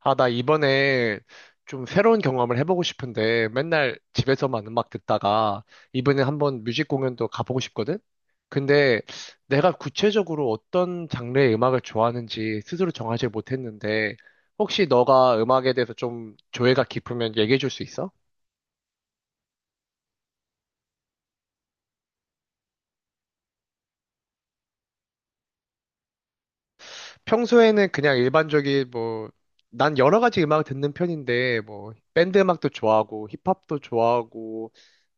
아, 나 이번에 좀 새로운 경험을 해보고 싶은데 맨날 집에서만 음악 듣다가 이번에 한번 뮤직 공연도 가보고 싶거든? 근데 내가 구체적으로 어떤 장르의 음악을 좋아하는지 스스로 정하지 못했는데 혹시 너가 음악에 대해서 좀 조예가 깊으면 얘기해 줄 수 있어? 평소에는 그냥 일반적인 뭐 난 여러 가지 음악을 듣는 편인데 뭐 밴드 음악도 좋아하고 힙합도 좋아하고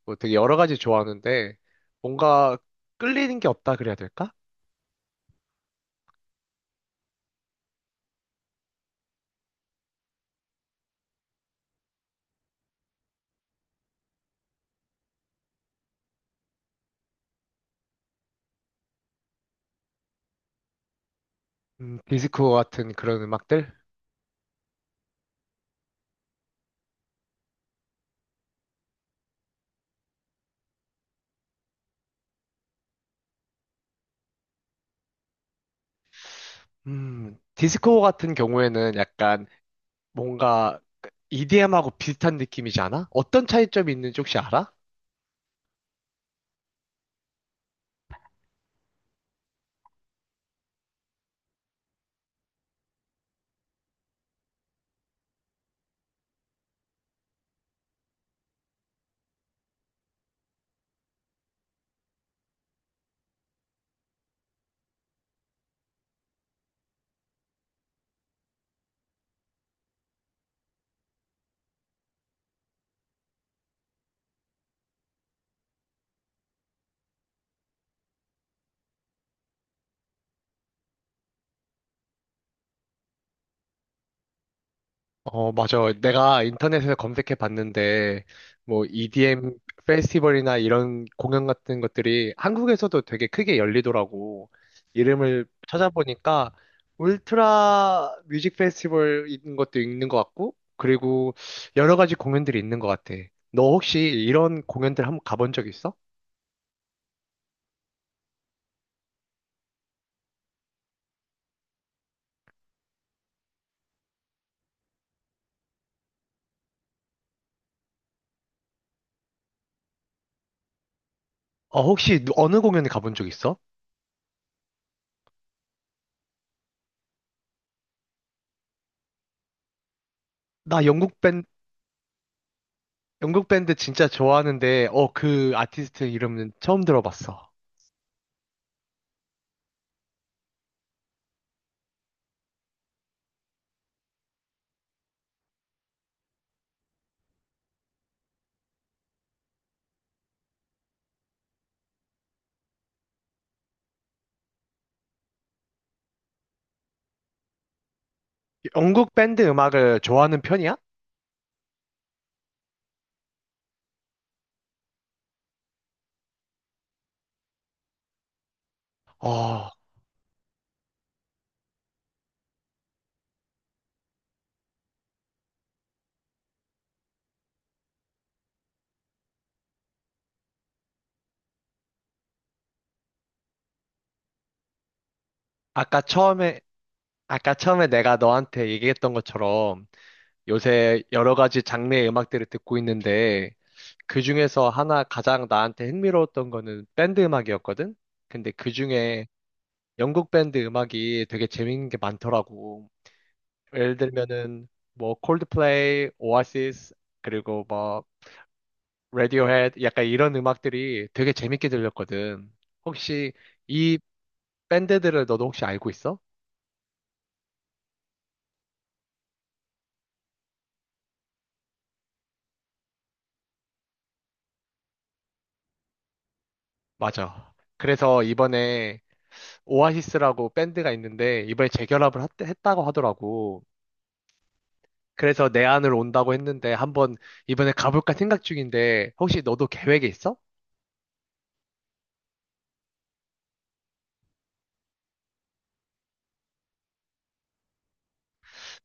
뭐 되게 여러 가지 좋아하는데 뭔가 끌리는 게 없다 그래야 될까? 디스코 같은 그런 음악들? 디스코 같은 경우에는 약간 뭔가 EDM하고 비슷한 느낌이지 않아? 어떤 차이점이 있는지 혹시 알아? 어, 맞아. 내가 인터넷에서 검색해 봤는데, 뭐, EDM 페스티벌이나 이런 공연 같은 것들이 한국에서도 되게 크게 열리더라고. 이름을 찾아보니까, 울트라 뮤직 페스티벌인 것도 있는 것 같고, 그리고 여러 가지 공연들이 있는 것 같아. 너 혹시 이런 공연들 한번 가본 적 있어? 어, 혹시 어느 공연에 가본 적 있어? 나 영국 밴드, 영국 밴드 진짜 좋아하는데, 어, 그 아티스트 이름은 처음 들어봤어. 영국 밴드 음악을 좋아하는 편이야? 어, 아까 처음에, 아까 처음에 내가 너한테 얘기했던 것처럼 요새 여러 가지 장르의 음악들을 듣고 있는데 그 중에서 하나 가장 나한테 흥미로웠던 거는 밴드 음악이었거든? 근데 그 중에 영국 밴드 음악이 되게 재밌는 게 많더라고. 예를 들면은 뭐 콜드플레이, 오아시스, 그리고 뭐 레디오 헤드 약간 이런 음악들이 되게 재밌게 들렸거든. 혹시 이 밴드들을 너도 혹시 알고 있어? 맞아. 그래서 이번에 오아시스라고 밴드가 있는데 이번에 재결합을 했다고 하더라고. 그래서 내 안으로 온다고 했는데 한번 이번에 가볼까 생각 중인데 혹시 너도 계획이 있어?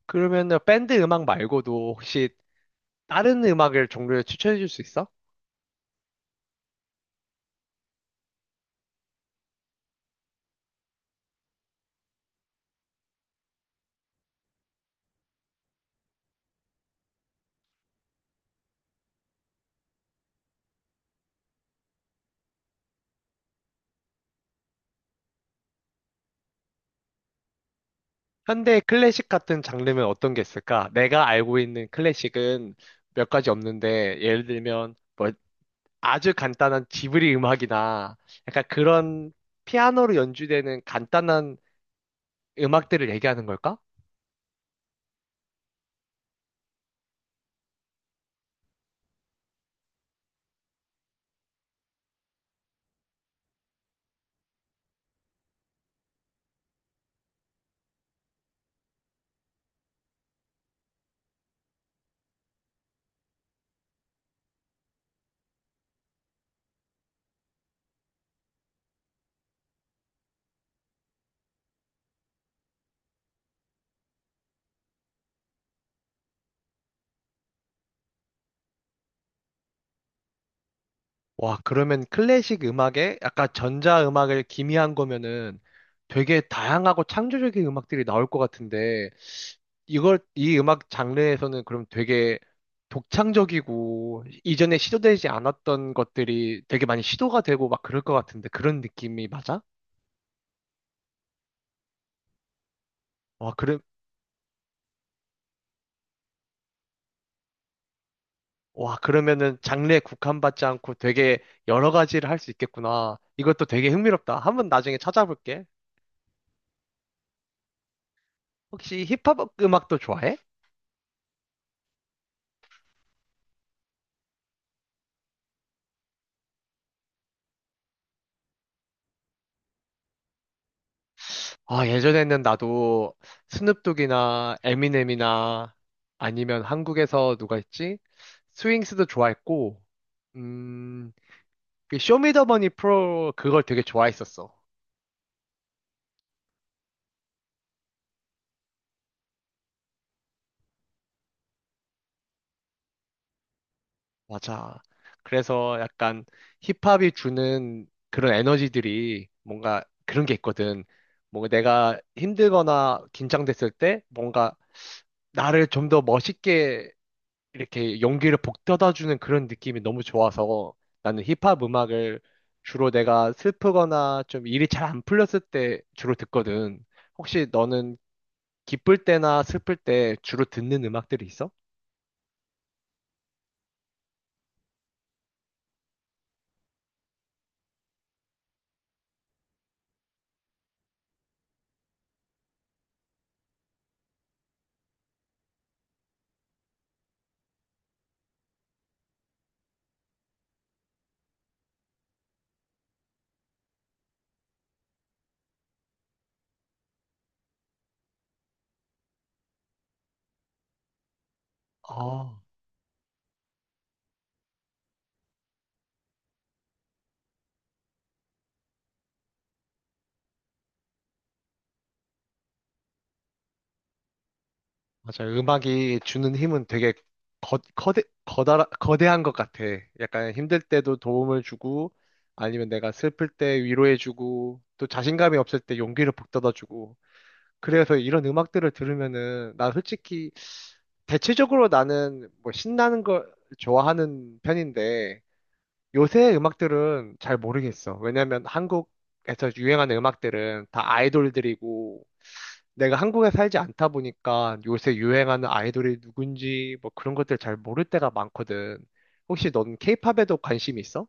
그러면 밴드 음악 말고도 혹시 다른 음악을 종류를 추천해 줄 수 있어? 현대 클래식 같은 장르면 어떤 게 있을까? 내가 알고 있는 클래식은 몇 가지 없는데, 예를 들면, 뭐, 아주 간단한 지브리 음악이나, 약간 그런 피아노로 연주되는 간단한 음악들을 얘기하는 걸까? 와, 그러면 클래식 음악에 약간 전자음악을 기미한 거면은 되게 다양하고 창조적인 음악들이 나올 것 같은데, 이걸 이 음악 장르에서는 그럼 되게 독창적이고 이전에 시도되지 않았던 것들이 되게 많이 시도가 되고 막 그럴 것 같은데 그런 느낌이 맞아? 와, 그래, 와, 그러면은 장르에 국한받지 않고 되게 여러 가지를 할 수 있겠구나. 이것도 되게 흥미롭다. 한번 나중에 찾아볼게. 혹시 힙합 음악도 좋아해? 아, 예전에는 나도 스눕독이나 에미넴이나 아니면 한국에서 누가 있지? 스윙스도 좋아했고, 음, 그 쇼미더머니 프로 그걸 되게 좋아했었어. 맞아. 그래서 약간 힙합이 주는 그런 에너지들이 뭔가 그런 게 있거든. 뭔가 내가 힘들거나 긴장됐을 때 뭔가 나를 좀 더 멋있게 이렇게 용기를 북돋아 주는 그런 느낌이 너무 좋아서 나는 힙합 음악을 주로 내가 슬프거나 좀 일이 잘 안 풀렸을 때 주로 듣거든. 혹시 너는 기쁠 때나 슬플 때 주로 듣는 음악들이 있어? 아, 맞아. 음악이 주는 힘은 되게 거대한 것 같아. 약간 힘들 때도 도움을 주고, 아니면 내가 슬플 때 위로해주고, 또 자신감이 없을 때 용기를 북돋아주고, 그래서 이런 음악들을 들으면은 나 솔직히 대체적으로 나는 뭐 신나는 걸 좋아하는 편인데 요새 음악들은 잘 모르겠어. 왜냐면 한국에서 유행하는 음악들은 다 아이돌들이고 내가 한국에 살지 않다 보니까 요새 유행하는 아이돌이 누군지 뭐 그런 것들 잘 모를 때가 많거든. 혹시 넌 케이팝에도 관심 있어?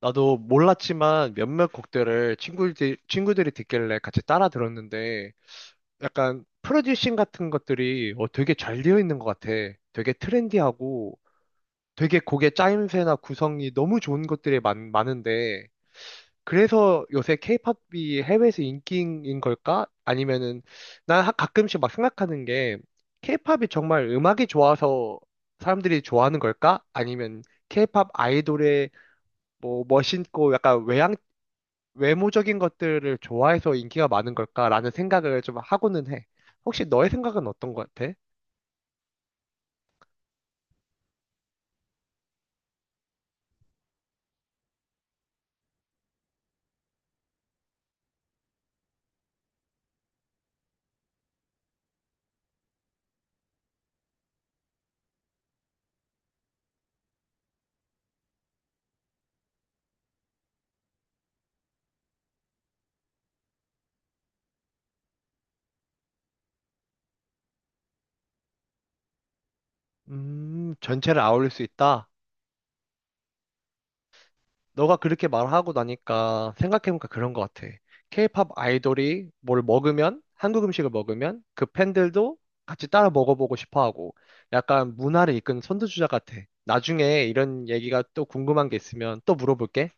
나도 몰랐지만 몇몇 곡들을 친구들이 듣길래 같이 따라 들었는데 약간 프로듀싱 같은 것들이 어, 되게 잘 되어 있는 것 같아. 되게 트렌디하고 되게 곡의 짜임새나 구성이 너무 좋은 것들이 많은데 그래서 요새 케이팝이 해외에서 인기인 걸까? 아니면은 난 가끔씩 막 생각하는 게 케이팝이 정말 음악이 좋아서 사람들이 좋아하는 걸까? 아니면 케이팝 아이돌의 뭐 멋있고 약간 외모적인 것들을 좋아해서 인기가 많은 걸까라는 생각을 좀 하고는 해. 혹시 너의 생각은 어떤 것 같아? 전체를 아울릴 수 있다. 너가 그렇게 말하고 나니까 생각해보니까 그런 것 같아. 케이팝 아이돌이 뭘 먹으면, 한국 음식을 먹으면 그 팬들도 같이 따라 먹어보고 싶어 하고 약간 문화를 이끄는 선두주자 같아. 나중에 이런 얘기가 또 궁금한 게 있으면 또 물어볼게.